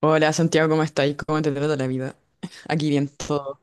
Hola Santiago, ¿cómo estáis? ¿Cómo te trata la vida? Aquí bien todo.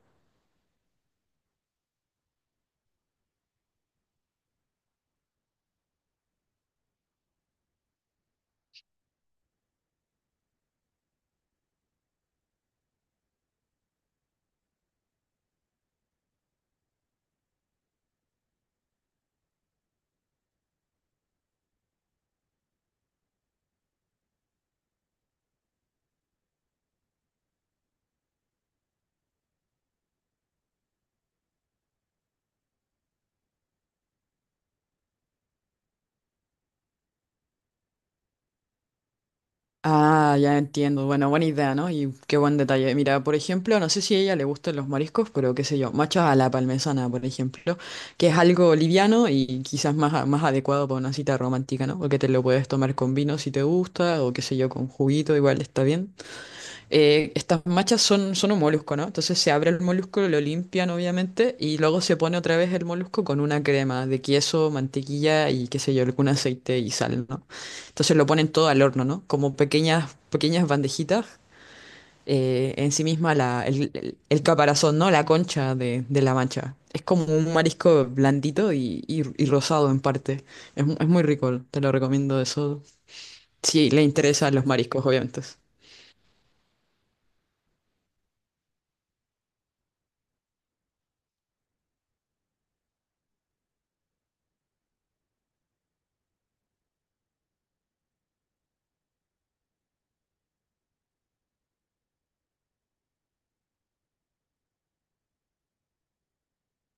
Ah, ya entiendo. Bueno, buena idea, ¿no? Y qué buen detalle. Mira, por ejemplo, no sé si a ella le gustan los mariscos, pero qué sé yo, machos a la parmesana, por ejemplo, que es algo liviano y quizás más, más adecuado para una cita romántica, ¿no? Porque te lo puedes tomar con vino si te gusta, o qué sé yo, con juguito, igual está bien. Estas machas son, son un molusco, ¿no? Entonces se abre el molusco, lo limpian obviamente y luego se pone otra vez el molusco con una crema de queso, mantequilla y qué sé yo, algún aceite y sal, ¿no? Entonces lo ponen todo al horno, ¿no? Como pequeñas, pequeñas bandejitas, en sí misma la, el caparazón, ¿no? La concha de la mancha. Es como un marisco blandito y, y rosado en parte. Es, es muy rico, te lo recomiendo eso. Si le interesan los mariscos, obviamente.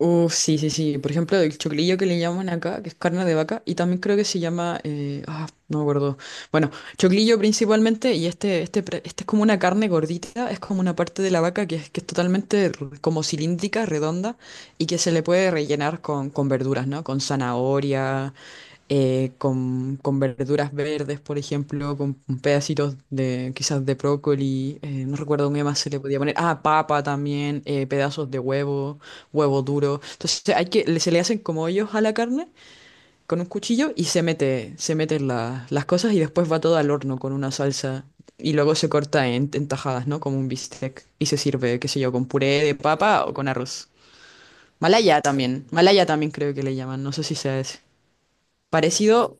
Uf, sí, sí, sí. Por ejemplo, el choclillo que le llaman acá, que es carne de vaca, y también creo que se llama, ah, no me acuerdo. Bueno, choclillo principalmente, y este, este es como una carne gordita, es como una parte de la vaca que es totalmente como cilíndrica, redonda, y que se le puede rellenar con verduras, ¿no? Con zanahoria, con verduras verdes, por ejemplo, con pedacitos de quizás de brócoli, no recuerdo qué más se le podía poner, ah, papa también, pedazos de huevo, huevo duro. Entonces hay que, se le hacen como hoyos a la carne con un cuchillo y se mete, se meten las cosas y después va todo al horno con una salsa. Y luego se corta en tajadas, ¿no? Como un bistec. Y se sirve, qué sé yo, con puré de papa o con arroz. Malaya también. Malaya también creo que le llaman. No sé si sea ese. Parecido.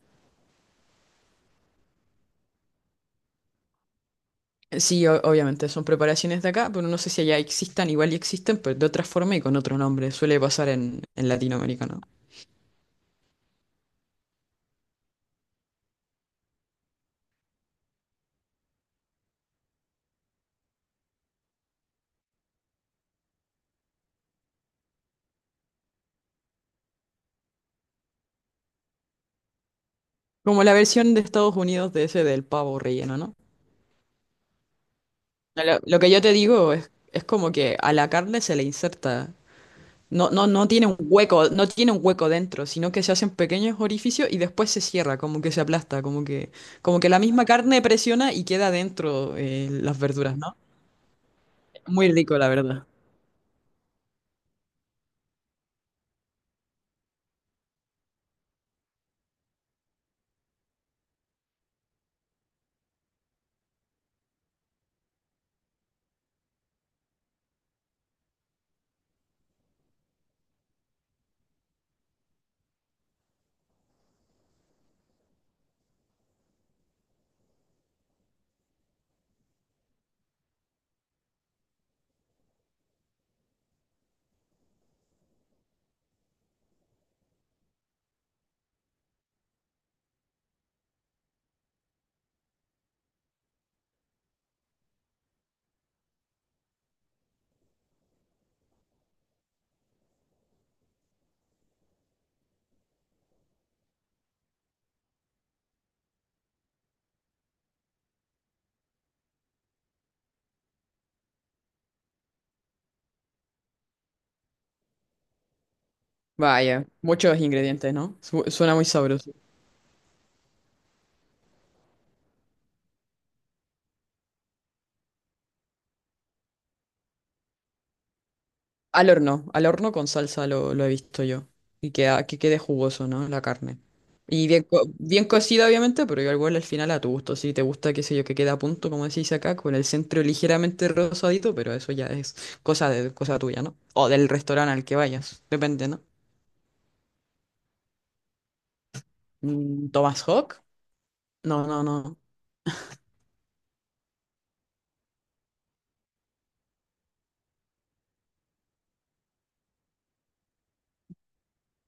Sí, obviamente son preparaciones de acá, pero no sé si allá existan, igual y existen, pero de otra forma y con otro nombre. Suele pasar en Latinoamérica, ¿no? Como la versión de Estados Unidos de ese del pavo relleno, ¿no? No, lo que yo te digo es como que a la carne se le inserta. No, no, no tiene un hueco, no tiene un hueco dentro, sino que se hacen pequeños orificios y después se cierra, como que se aplasta, como que la misma carne presiona y queda dentro las verduras, ¿no? Muy rico, la verdad. Vaya, muchos ingredientes, ¿no? Suena muy sabroso. Al horno con salsa lo he visto yo. Y que quede jugoso, ¿no? La carne. Y bien, bien cocida, obviamente, pero yo igual al final a tu gusto. Si te gusta, qué sé yo, que quede a punto, como decís acá, con el centro ligeramente rosadito, pero eso ya es cosa de, cosa tuya, ¿no? O del restaurante al que vayas, depende, ¿no? ¿Thomas Hawk? No, no, no.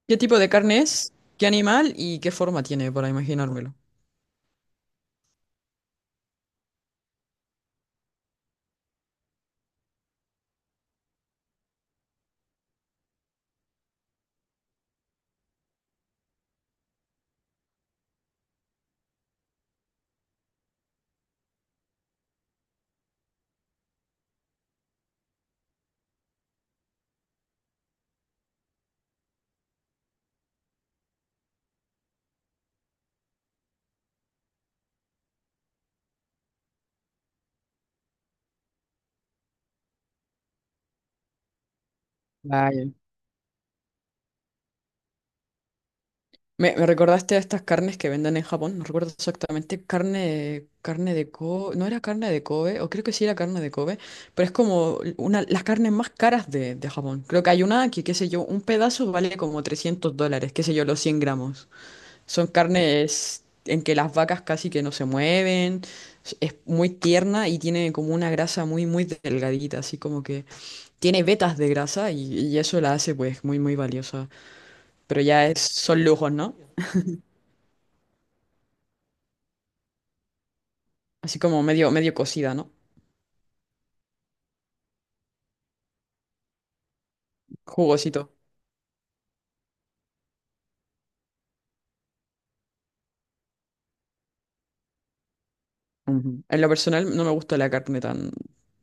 ¿Qué tipo de carne es? ¿Qué animal y qué forma tiene, para imaginármelo? Vaya. Me recordaste a estas carnes que venden en Japón, no recuerdo exactamente, carne, carne de Kobe, no era carne de Kobe, o creo que sí era carne de Kobe, pero es como una, las carnes más caras de Japón. Creo que hay una que, qué sé yo, un pedazo vale como $300, qué sé yo, los 100 gramos. Son carnes en que las vacas casi que no se mueven, es muy tierna y tiene como una grasa muy, muy delgadita, así como que tiene vetas de grasa y eso la hace pues muy, muy valiosa. Pero ya es, son lujos, ¿no? Así como medio, medio cocida, ¿no? Jugosito. Ujú. En lo personal no me gusta la carne tan,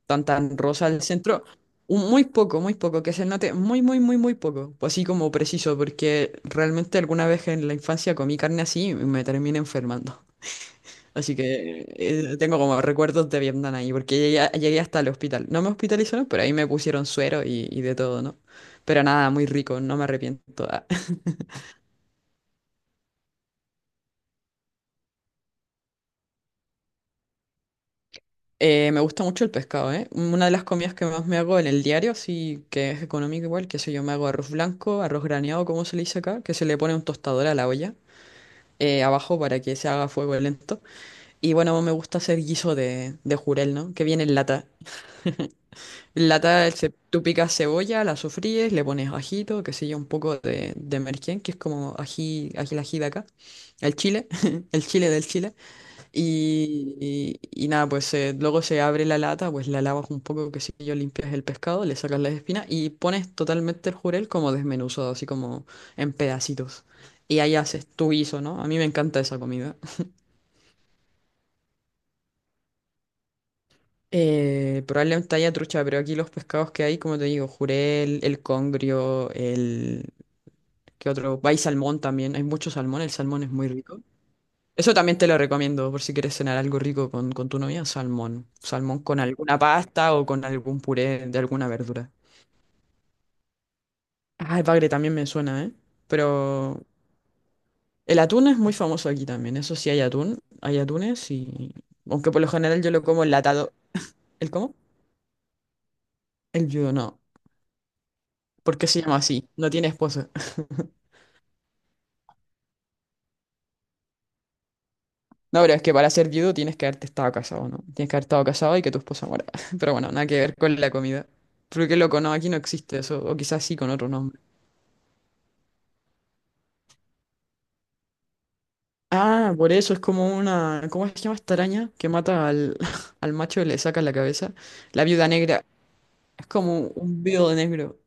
tan, tan rosa al centro. Muy poco, que se note muy, muy, muy, muy poco. Pues así como preciso, porque realmente alguna vez en la infancia comí carne así y me terminé enfermando. Así que tengo como recuerdos de Vietnam ahí, porque llegué, llegué hasta el hospital. No me hospitalizaron, pero ahí me pusieron suero y de todo, ¿no? Pero nada, muy rico, no me arrepiento. Ah, me gusta mucho el pescado, ¿eh? Una de las comidas que más me hago en el diario, sí, que es económico igual, que sé yo, me hago arroz blanco, arroz graneado, como se le dice acá, que se le pone un tostador a la olla abajo para que se haga a fuego lento. Y bueno, me gusta hacer guiso de jurel, ¿no? Que viene en lata. En lata se, tú picas cebolla, la sofríes, le pones ajito, qué sé yo, un poco de merquén, que es como ají, ají, el ají de acá, el chile, el chile del Chile. Y, y nada, pues luego se abre la lata, pues la lavas un poco, que sé yo, limpias el pescado, le sacas las espinas y pones totalmente el jurel como desmenuzado, así como en pedacitos. Y ahí haces tu guiso, ¿no? A mí me encanta esa comida. Probablemente haya trucha, pero aquí los pescados que hay, como te digo, jurel, el congrio, el… ¿Qué otro? Hay salmón también, hay mucho salmón, el salmón es muy rico. Eso también te lo recomiendo por si quieres cenar algo rico con tu novia, salmón. Salmón con alguna pasta o con algún puré de alguna verdura. Ah, el bagre también me suena, ¿eh? Pero el atún es muy famoso aquí también. Eso sí hay atún, hay atunes y… Aunque por lo general yo lo como enlatado. ¿El cómo? El viudo, no. ¿Por qué se llama así? No tiene esposa. No, pero es que para ser viudo tienes que haberte estado casado, ¿no? Tienes que haber estado casado y que tu esposa muera. Pero bueno, nada que ver con la comida. Porque loco, no, aquí no existe eso. O quizás sí con otro nombre. Ah, por eso es como una. ¿Cómo se llama esta araña que mata al, al macho y le saca la cabeza? La viuda negra. Es como un viudo negro.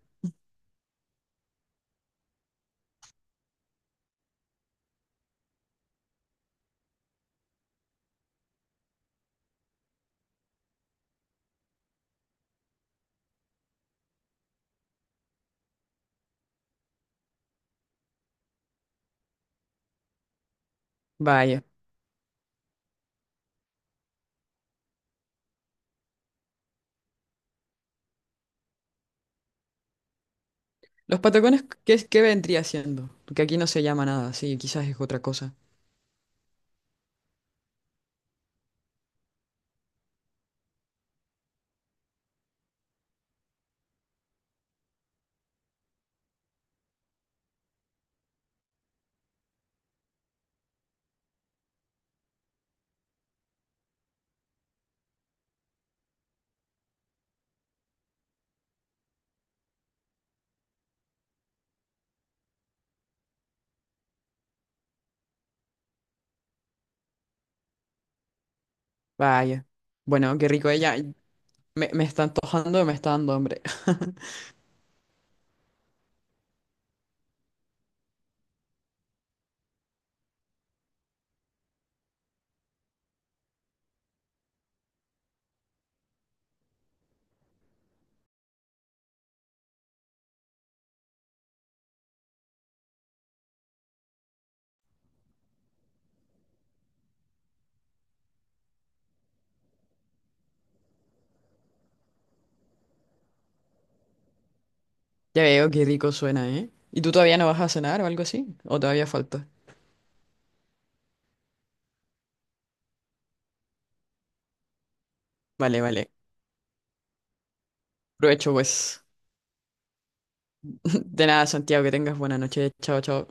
Vaya. ¿Los patacones qué, qué vendría siendo? Porque aquí no se llama nada, sí, quizás es otra cosa. Vaya. Bueno, qué rico ella. Me está antojando, me está dando hambre. Ya veo qué rico suena, ¿eh? ¿Y tú todavía no vas a cenar o algo así? ¿O todavía falta? Vale, vale. Provecho, pues. De nada, Santiago, que tengas buena noche. Chao, chao.